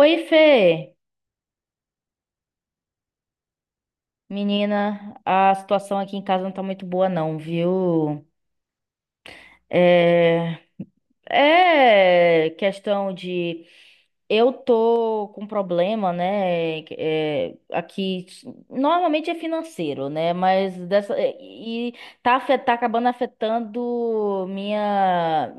Oi, Fê. Menina, a situação aqui em casa não tá muito boa, não, viu? É, é questão de. Eu tô com problema, né? É, aqui. Normalmente é financeiro, né? Mas dessa. E tá, tá acabando afetando minha.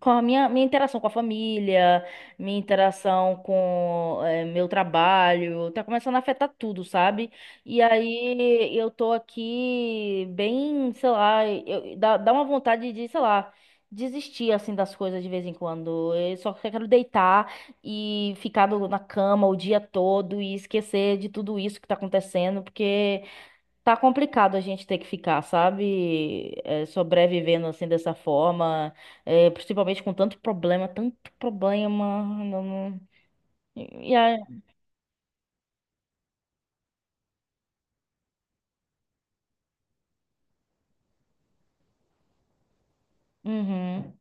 Com a minha interação com a família, minha interação com meu trabalho, tá começando a afetar tudo, sabe? E aí eu tô aqui bem, sei lá, dá uma vontade de, sei lá, desistir assim das coisas de vez em quando. Eu só quero deitar e ficar na cama o dia todo e esquecer de tudo isso que tá acontecendo, porque. Tá complicado a gente ter que ficar, sabe? É, sobrevivendo assim dessa forma, é, principalmente com tanto problema, tanto problema. Não, E aí, uhum,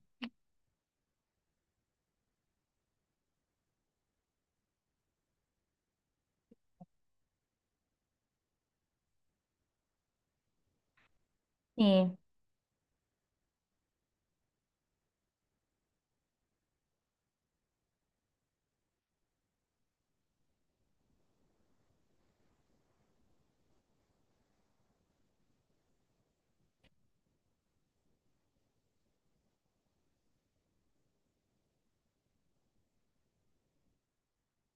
sim.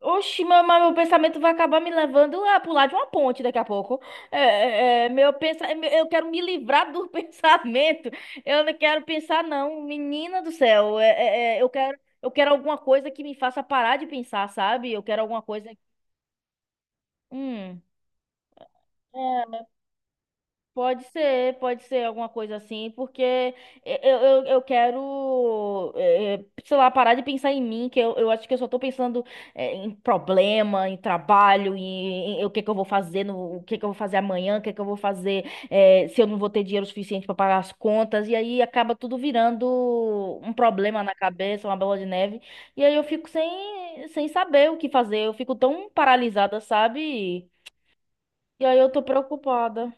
Oxi, meu, mas meu pensamento vai acabar me levando a pular de uma ponte daqui a pouco. Meu Eu quero me livrar do pensamento. Eu não quero pensar, não. Menina do céu, eu quero alguma coisa que me faça parar de pensar, sabe? Eu quero alguma coisa. Hum. É. Pode ser alguma coisa assim, porque eu quero, sei lá, parar de pensar em mim, que eu acho que eu só tô pensando, em problema, em trabalho, em o que que eu vou fazer, no, o que que eu vou fazer amanhã, o que que eu vou fazer, se eu não vou ter dinheiro suficiente para pagar as contas, e aí acaba tudo virando um problema na cabeça, uma bola de neve, e aí eu fico sem saber o que fazer, eu fico tão paralisada, sabe? E aí eu tô preocupada.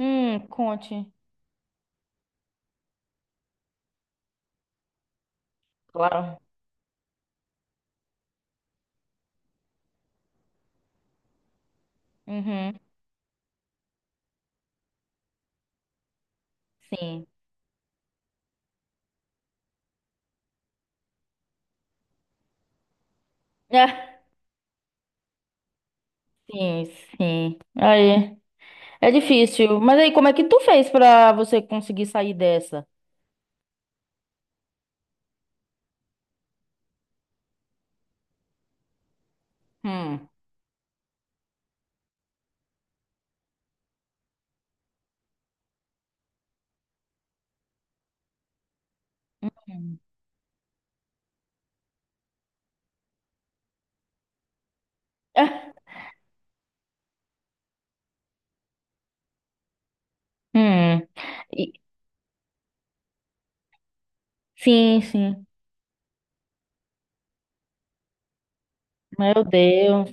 Conte. Claro. Uhum. Sim. É, sim, sim. Aí, é difícil. Mas aí, como é que tu fez pra você conseguir sair dessa? Hum. Hum. É. Hum. E- Sim, sim. Meu Deus.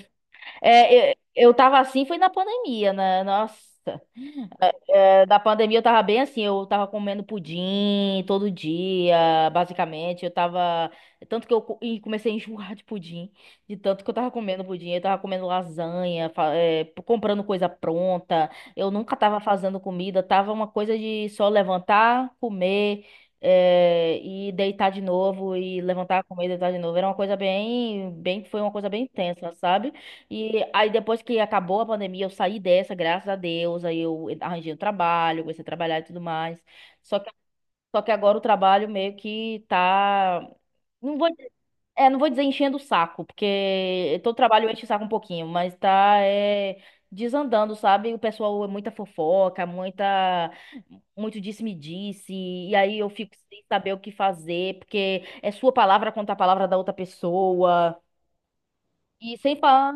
É, eu tava assim, foi na pandemia, né? Nossa. É, da pandemia eu tava bem assim, eu tava comendo pudim todo dia, basicamente. Eu tava. Tanto que eu co- e comecei a enjoar de pudim, de tanto que eu tava comendo pudim. Eu tava comendo lasanha, comprando coisa pronta. Eu nunca tava fazendo comida, tava uma coisa de só levantar, comer, e deitar de novo, e levantar, comer, deitar de novo. Era uma coisa bem, bem, foi uma coisa bem tensa, sabe? E aí depois que acabou a pandemia, eu saí dessa, graças a Deus, aí eu arranjei um trabalho, comecei a trabalhar e tudo mais. Só que, só que agora o trabalho meio que tá... Não vou, não vou dizer enchendo o saco, porque todo trabalho enche o saco um pouquinho, mas tá desandando, sabe? O pessoal é muita fofoca, muita, muito disse-me-disse, e aí eu fico sem saber o que fazer, porque é sua palavra contra a palavra da outra pessoa. E sem falar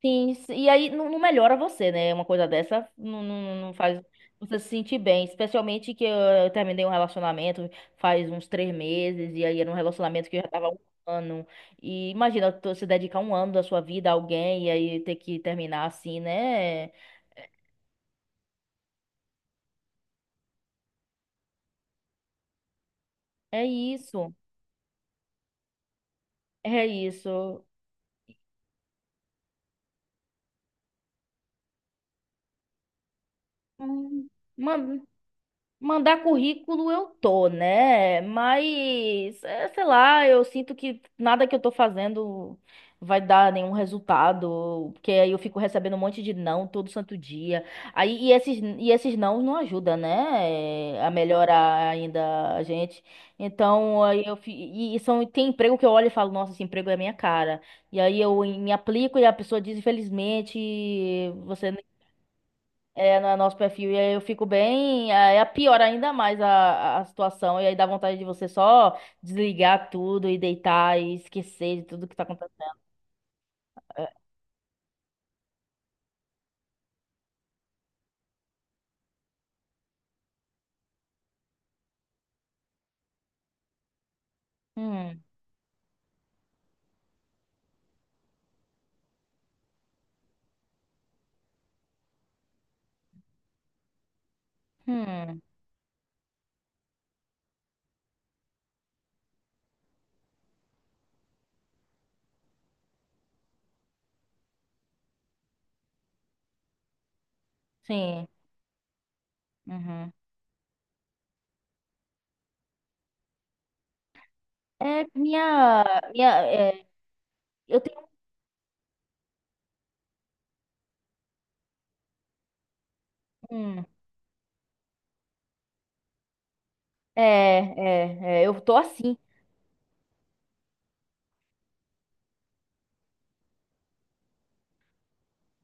sim, sim, e aí não melhora você, né? Uma coisa dessa não, não, não faz você se sentir bem. Especialmente que eu terminei um relacionamento faz uns 3 meses, e aí era um relacionamento que eu já tava há um ano. E imagina tu se dedicar um ano da sua vida a alguém e aí ter que terminar assim, né? É isso, é isso. Hum, ma- mandar currículo eu tô, né? Mas, sei lá, eu sinto que nada que eu tô fazendo vai dar nenhum resultado, porque aí eu fico recebendo um monte de não todo santo dia. Aí, e esses não ajudam, né? A melhorar ainda a gente. Então, e são, tem emprego que eu olho e falo, nossa, esse emprego é a minha cara. E aí eu me aplico e a pessoa diz, infelizmente, você no nosso perfil. E aí eu fico bem. Aí é pior ainda mais a situação. E aí dá vontade de você só desligar tudo e deitar e esquecer de tudo que tá acontecendo. É, hum, hum, sim. Uhum. É, minha, é, eu tenho, hum, é, eu tô assim.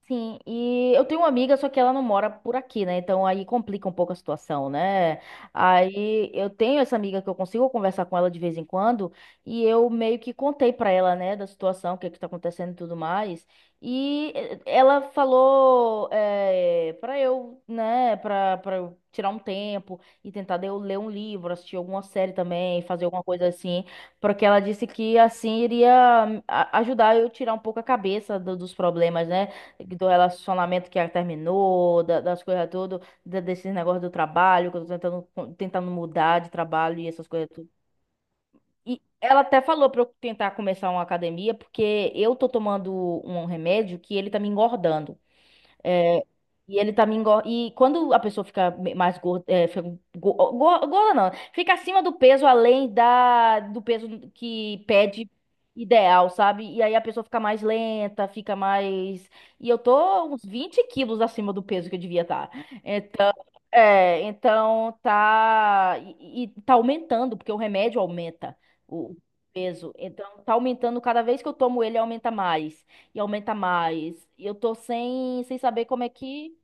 Sim, e eu tenho uma amiga, só que ela não mora por aqui, né? Então aí complica um pouco a situação, né? Aí eu tenho essa amiga que eu consigo conversar com ela de vez em quando, e eu meio que contei pra ela, né, da situação, o que é que tá acontecendo e tudo mais. E ela falou para eu, né, pra eu tirar um tempo e tentar de eu ler um livro, assistir alguma série também, fazer alguma coisa assim, porque ela disse que assim iria ajudar eu tirar um pouco a cabeça dos problemas, né? Do relacionamento que ela terminou, das coisas tudo, desses negócios do trabalho, que eu tô tentando mudar de trabalho e essas coisas tudo. E ela até falou pra eu tentar começar uma academia, porque eu tô tomando um remédio que ele tá me engordando. É, e ele também engorda. E quando a pessoa fica mais gorda, fica gorda não, fica acima do peso, além da do peso que pede ideal, sabe? E aí a pessoa fica mais lenta, fica mais. E eu tô uns 20 quilos acima do peso que eu devia estar. É, então tá, e tá aumentando, porque o remédio aumenta o peso. Então tá aumentando cada vez que eu tomo ele aumenta mais. E eu tô sem saber como é que.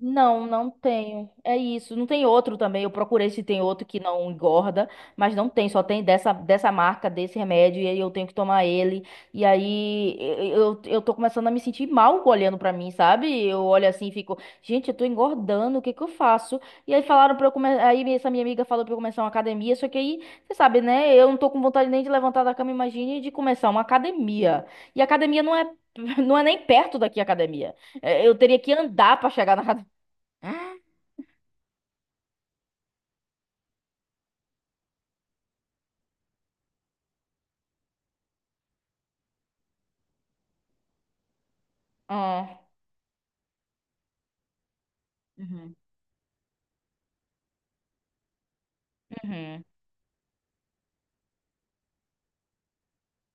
Não, não tenho. É isso. Não tem outro também. Eu procurei se tem outro que não engorda, mas não tem. Só tem dessa marca, desse remédio, e aí eu tenho que tomar ele. E aí eu tô começando a me sentir mal olhando pra mim, sabe? Eu olho assim e fico, gente, eu tô engordando, o que que eu faço? E aí falaram pra eu começar. Aí essa minha amiga falou pra eu começar uma academia, só que aí, você sabe, né? Eu não tô com vontade nem de levantar da cama, imagine de começar uma academia. E academia não é, não é nem perto daqui a academia. É, eu teria que andar pra chegar na ah, é. Uhum. Uhum.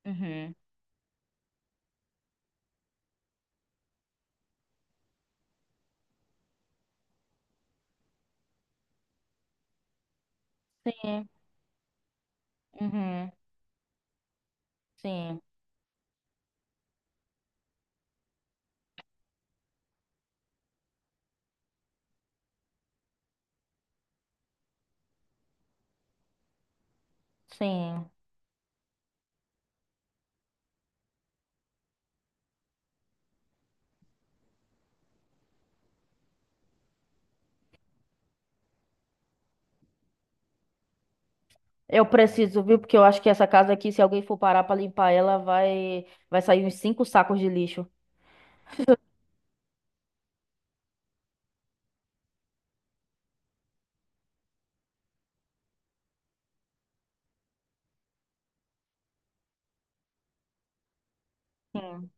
Uhum. Sim. Uhum. Sim. Sim. Eu preciso, viu? Porque eu acho que essa casa aqui, se alguém for parar pra limpar ela, vai sair uns cinco sacos de lixo. Sim.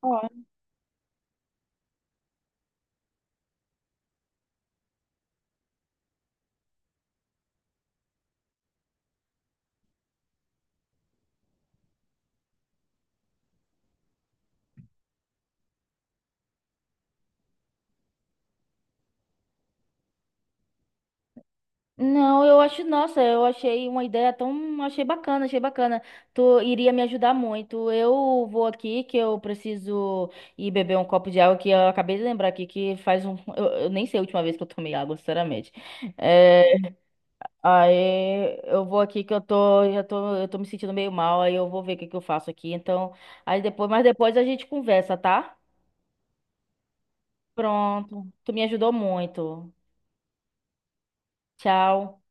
Ó. Não, eu acho, nossa, eu achei uma ideia tão, achei bacana, achei bacana. Tu iria me ajudar muito. Eu vou aqui que eu preciso ir beber um copo de água que eu acabei de lembrar aqui que faz eu nem sei a última vez que eu tomei água, sinceramente. É, aí eu vou aqui que eu tô me sentindo meio mal, aí eu vou ver o que que eu faço aqui. Então, aí depois, mas depois a gente conversa, tá? Pronto. Tu me ajudou muito. Tchau.